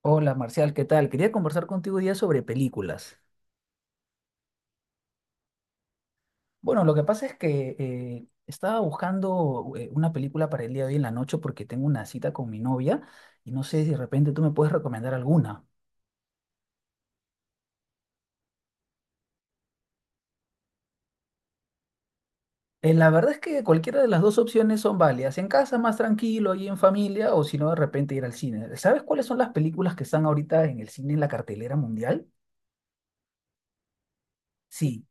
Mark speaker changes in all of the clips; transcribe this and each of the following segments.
Speaker 1: Hola Marcial, ¿qué tal? Quería conversar contigo hoy día sobre películas. Bueno, lo que pasa es que estaba buscando una película para el día de hoy en la noche porque tengo una cita con mi novia y no sé si de repente tú me puedes recomendar alguna. La verdad es que cualquiera de las dos opciones son válidas. En casa más tranquilo ahí en familia o si no de repente ir al cine. ¿Sabes cuáles son las películas que están ahorita en el cine en la cartelera mundial? Sí.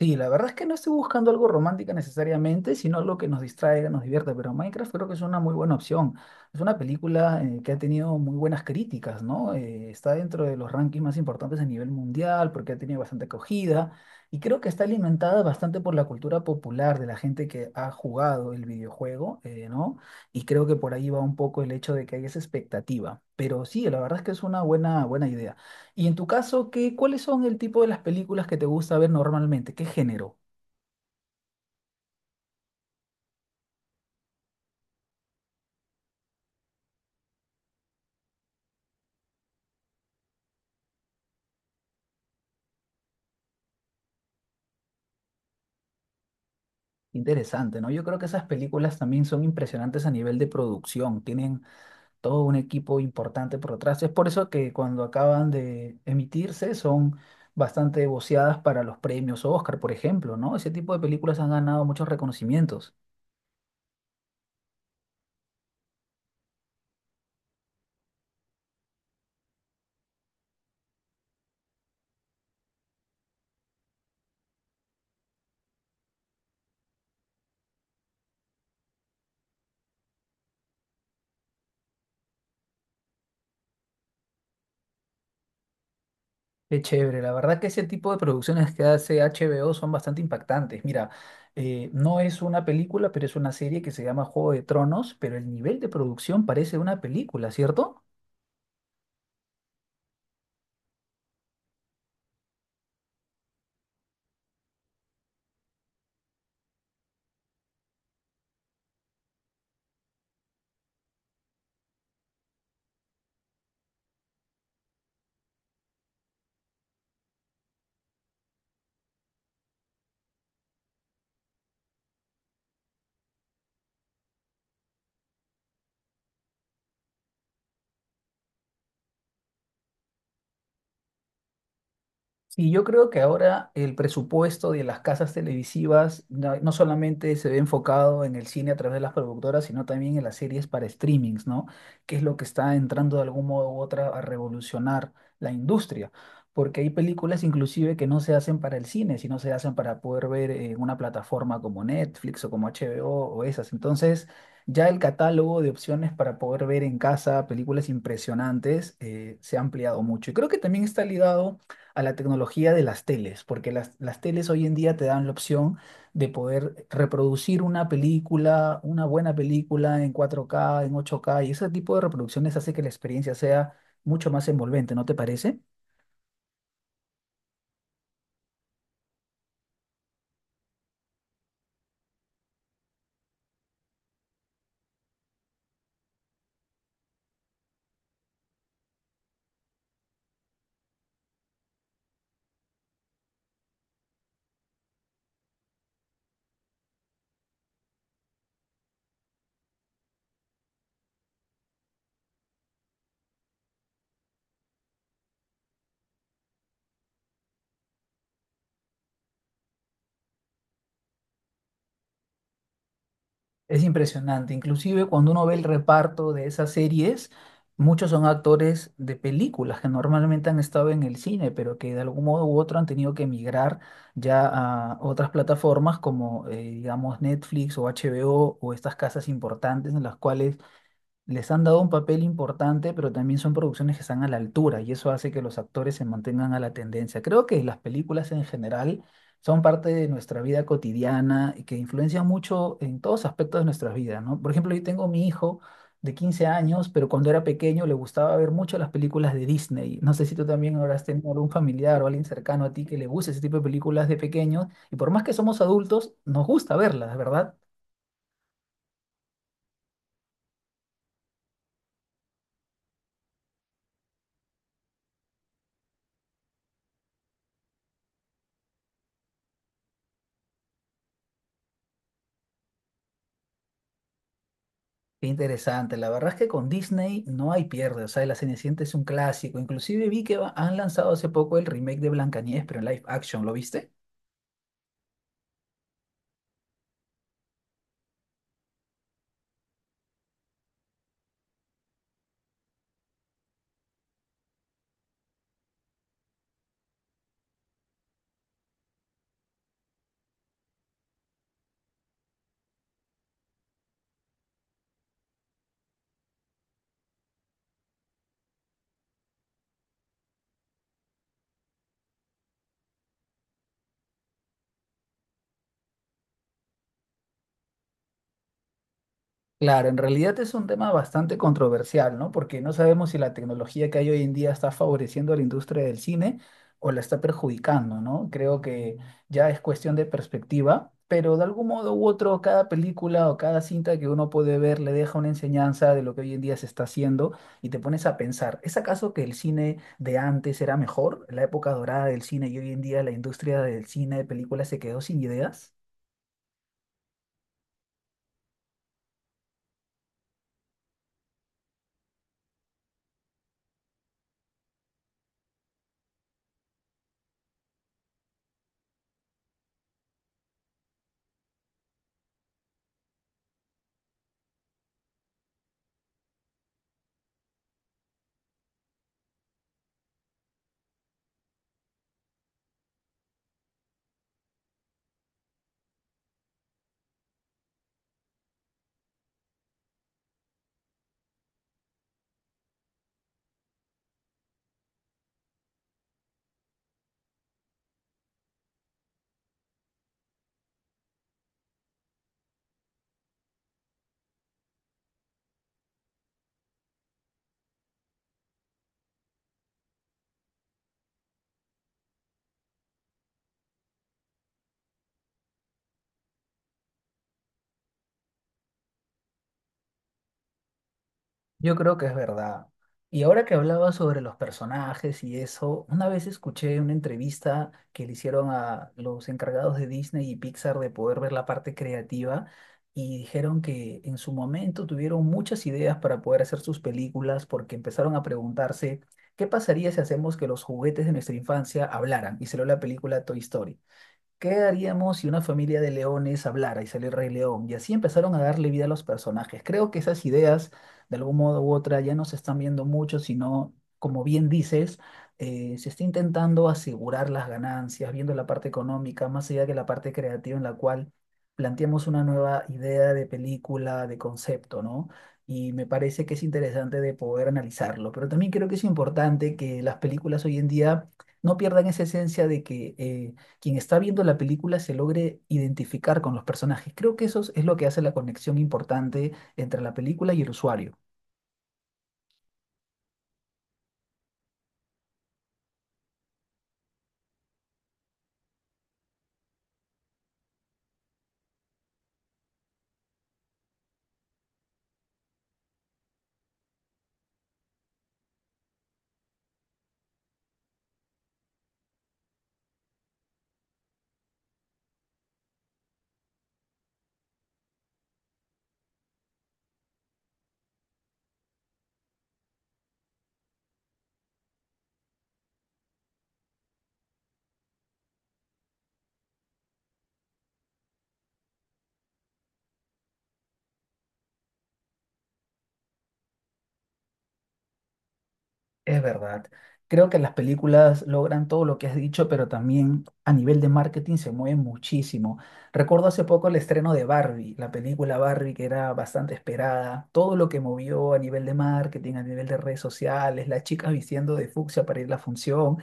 Speaker 1: Sí, la verdad es que no estoy buscando algo romántico necesariamente, sino algo que nos distraiga, nos divierta, pero Minecraft creo que es una muy buena opción. Es una película que ha tenido muy buenas críticas, ¿no? Está dentro de los rankings más importantes a nivel mundial porque ha tenido bastante acogida y creo que está alimentada bastante por la cultura popular de la gente que ha jugado el videojuego, ¿no? Y creo que por ahí va un poco el hecho de que hay esa expectativa. Pero sí, la verdad es que es una buena, buena idea. Y en tu caso, ¿qué, cuáles son el tipo de las películas que te gusta ver normalmente? ¿Qué género? Interesante, ¿no? Yo creo que esas películas también son impresionantes a nivel de producción, tienen todo un equipo importante por detrás. Es por eso que cuando acaban de emitirse son bastante voceadas para los premios Oscar, por ejemplo, ¿no? Ese tipo de películas han ganado muchos reconocimientos. Qué chévere, la verdad que ese tipo de producciones que hace HBO son bastante impactantes. Mira, no es una película, pero es una serie que se llama Juego de Tronos, pero el nivel de producción parece una película, ¿cierto? Sí, yo creo que ahora el presupuesto de las casas televisivas no solamente se ve enfocado en el cine a través de las productoras, sino también en las series para streamings, ¿no? Que es lo que está entrando de algún modo u otra a revolucionar la industria. Porque hay películas inclusive que no se hacen para el cine, sino se hacen para poder ver en una plataforma como Netflix o como HBO o esas. Entonces, ya el catálogo de opciones para poder ver en casa películas impresionantes se ha ampliado mucho. Y creo que también está ligado a la tecnología de las teles, porque las teles hoy en día te dan la opción de poder reproducir una película, una buena película en 4K en 8K y ese tipo de reproducciones hace que la experiencia sea mucho más envolvente, ¿no te parece? Es impresionante, inclusive cuando uno ve el reparto de esas series, muchos son actores de películas que normalmente han estado en el cine, pero que de algún modo u otro han tenido que emigrar ya a otras plataformas como, digamos, Netflix o HBO o estas casas importantes en las cuales les han dado un papel importante, pero también son producciones que están a la altura y eso hace que los actores se mantengan a la tendencia. Creo que las películas en general son parte de nuestra vida cotidiana y que influencian mucho en todos aspectos de nuestras vidas, ¿no? Por ejemplo, yo tengo mi hijo de 15 años, pero cuando era pequeño le gustaba ver mucho las películas de Disney. No sé si tú también habrás tenido algún familiar o alguien cercano a ti que le guste ese tipo de películas de pequeños y por más que somos adultos, nos gusta verlas, ¿verdad? Qué interesante, la verdad es que con Disney no hay pierde, o sea, La Cenicienta es un clásico, inclusive vi que han lanzado hace poco el remake de Blancanieves, pero en live action, ¿lo viste? Claro, en realidad es un tema bastante controversial, ¿no? Porque no sabemos si la tecnología que hay hoy en día está favoreciendo a la industria del cine o la está perjudicando, ¿no? Creo que ya es cuestión de perspectiva, pero de algún modo u otro, cada película o cada cinta que uno puede ver le deja una enseñanza de lo que hoy en día se está haciendo y te pones a pensar, ¿es acaso que el cine de antes era mejor, la época dorada del cine y hoy en día la industria del cine de películas se quedó sin ideas? Yo creo que es verdad. Y ahora que hablaba sobre los personajes y eso, una vez escuché una entrevista que le hicieron a los encargados de Disney y Pixar de poder ver la parte creativa y dijeron que en su momento tuvieron muchas ideas para poder hacer sus películas porque empezaron a preguntarse qué pasaría si hacemos que los juguetes de nuestra infancia hablaran y salió la película Toy Story. ¿Qué haríamos si una familia de leones hablara y sale el Rey León? Y así empezaron a darle vida a los personajes. Creo que esas ideas, de algún modo u otra, ya no se están viendo mucho, sino, como bien dices, se está intentando asegurar las ganancias, viendo la parte económica, más allá que la parte creativa en la cual planteamos una nueva idea de película, de concepto, ¿no? Y me parece que es interesante de poder analizarlo. Pero también creo que es importante que las películas hoy en día no pierdan esa esencia de que... quien está viendo la película se logre identificar con los personajes. Creo que eso es lo que hace la conexión importante entre la película y el usuario. Es verdad. Creo que las películas logran todo lo que has dicho, pero también a nivel de marketing se mueven muchísimo. Recuerdo hace poco el estreno de Barbie, la película Barbie que era bastante esperada, todo lo que movió a nivel de marketing, a nivel de redes sociales, la chica vistiendo de fucsia para ir a la función.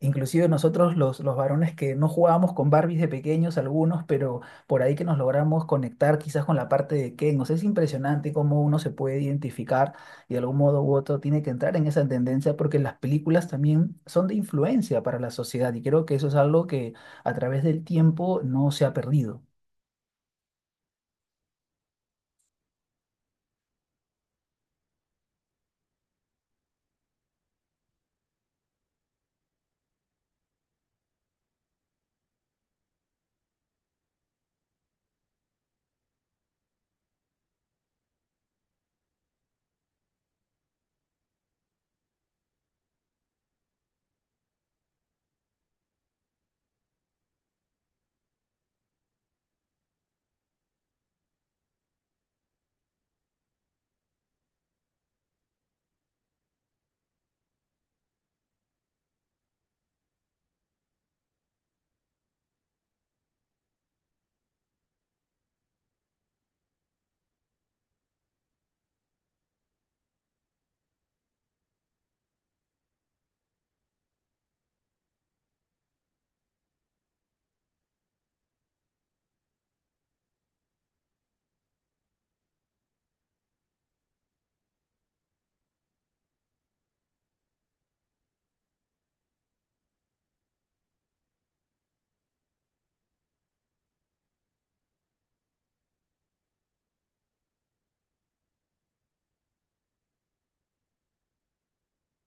Speaker 1: Inclusive nosotros los varones que no jugábamos con Barbies de pequeños algunos, pero por ahí que nos logramos conectar quizás con la parte de Ken. O sea, es impresionante cómo uno se puede identificar y de algún modo u otro tiene que entrar en esa tendencia porque las películas también son de influencia para la sociedad y creo que eso es algo que a través del tiempo no se ha perdido.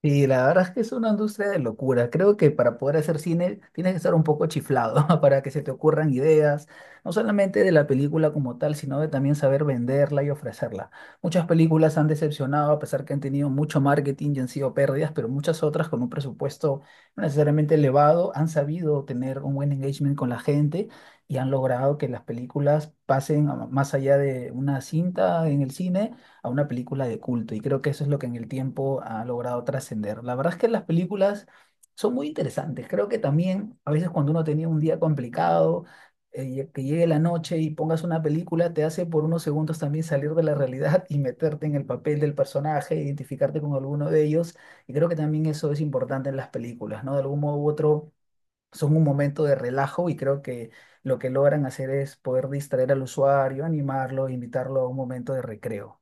Speaker 1: Y la verdad es que es una industria de locura. Creo que para poder hacer cine tienes que estar un poco chiflado para que se te ocurran ideas, no solamente de la película como tal, sino de también saber venderla y ofrecerla. Muchas películas han decepcionado a pesar que han tenido mucho marketing y han sido pérdidas, pero muchas otras con un presupuesto no necesariamente elevado han sabido tener un buen engagement con la gente y han logrado que las películas más allá de una cinta en el cine a una película de culto y creo que eso es lo que en el tiempo ha logrado trascender. La verdad es que las películas son muy interesantes. Creo que también a veces cuando uno tenía un día complicado, que llegue la noche y pongas una película, te hace por unos segundos también salir de la realidad y meterte en el papel del personaje, identificarte con alguno de ellos. Y creo que también eso es importante en las películas, ¿no? De algún modo u otro son un momento de relajo y creo que lo que logran hacer es poder distraer al usuario, animarlo, invitarlo a un momento de recreo.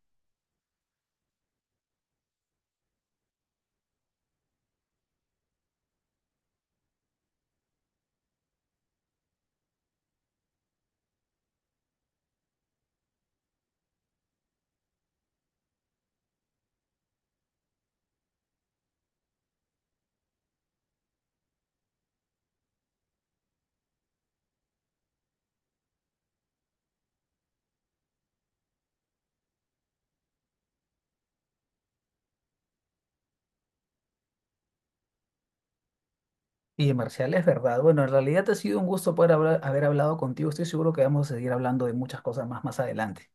Speaker 1: Y Marcial, es verdad. Bueno, en realidad ha sido un gusto poder haber hablado contigo. Estoy seguro que vamos a seguir hablando de muchas cosas más adelante.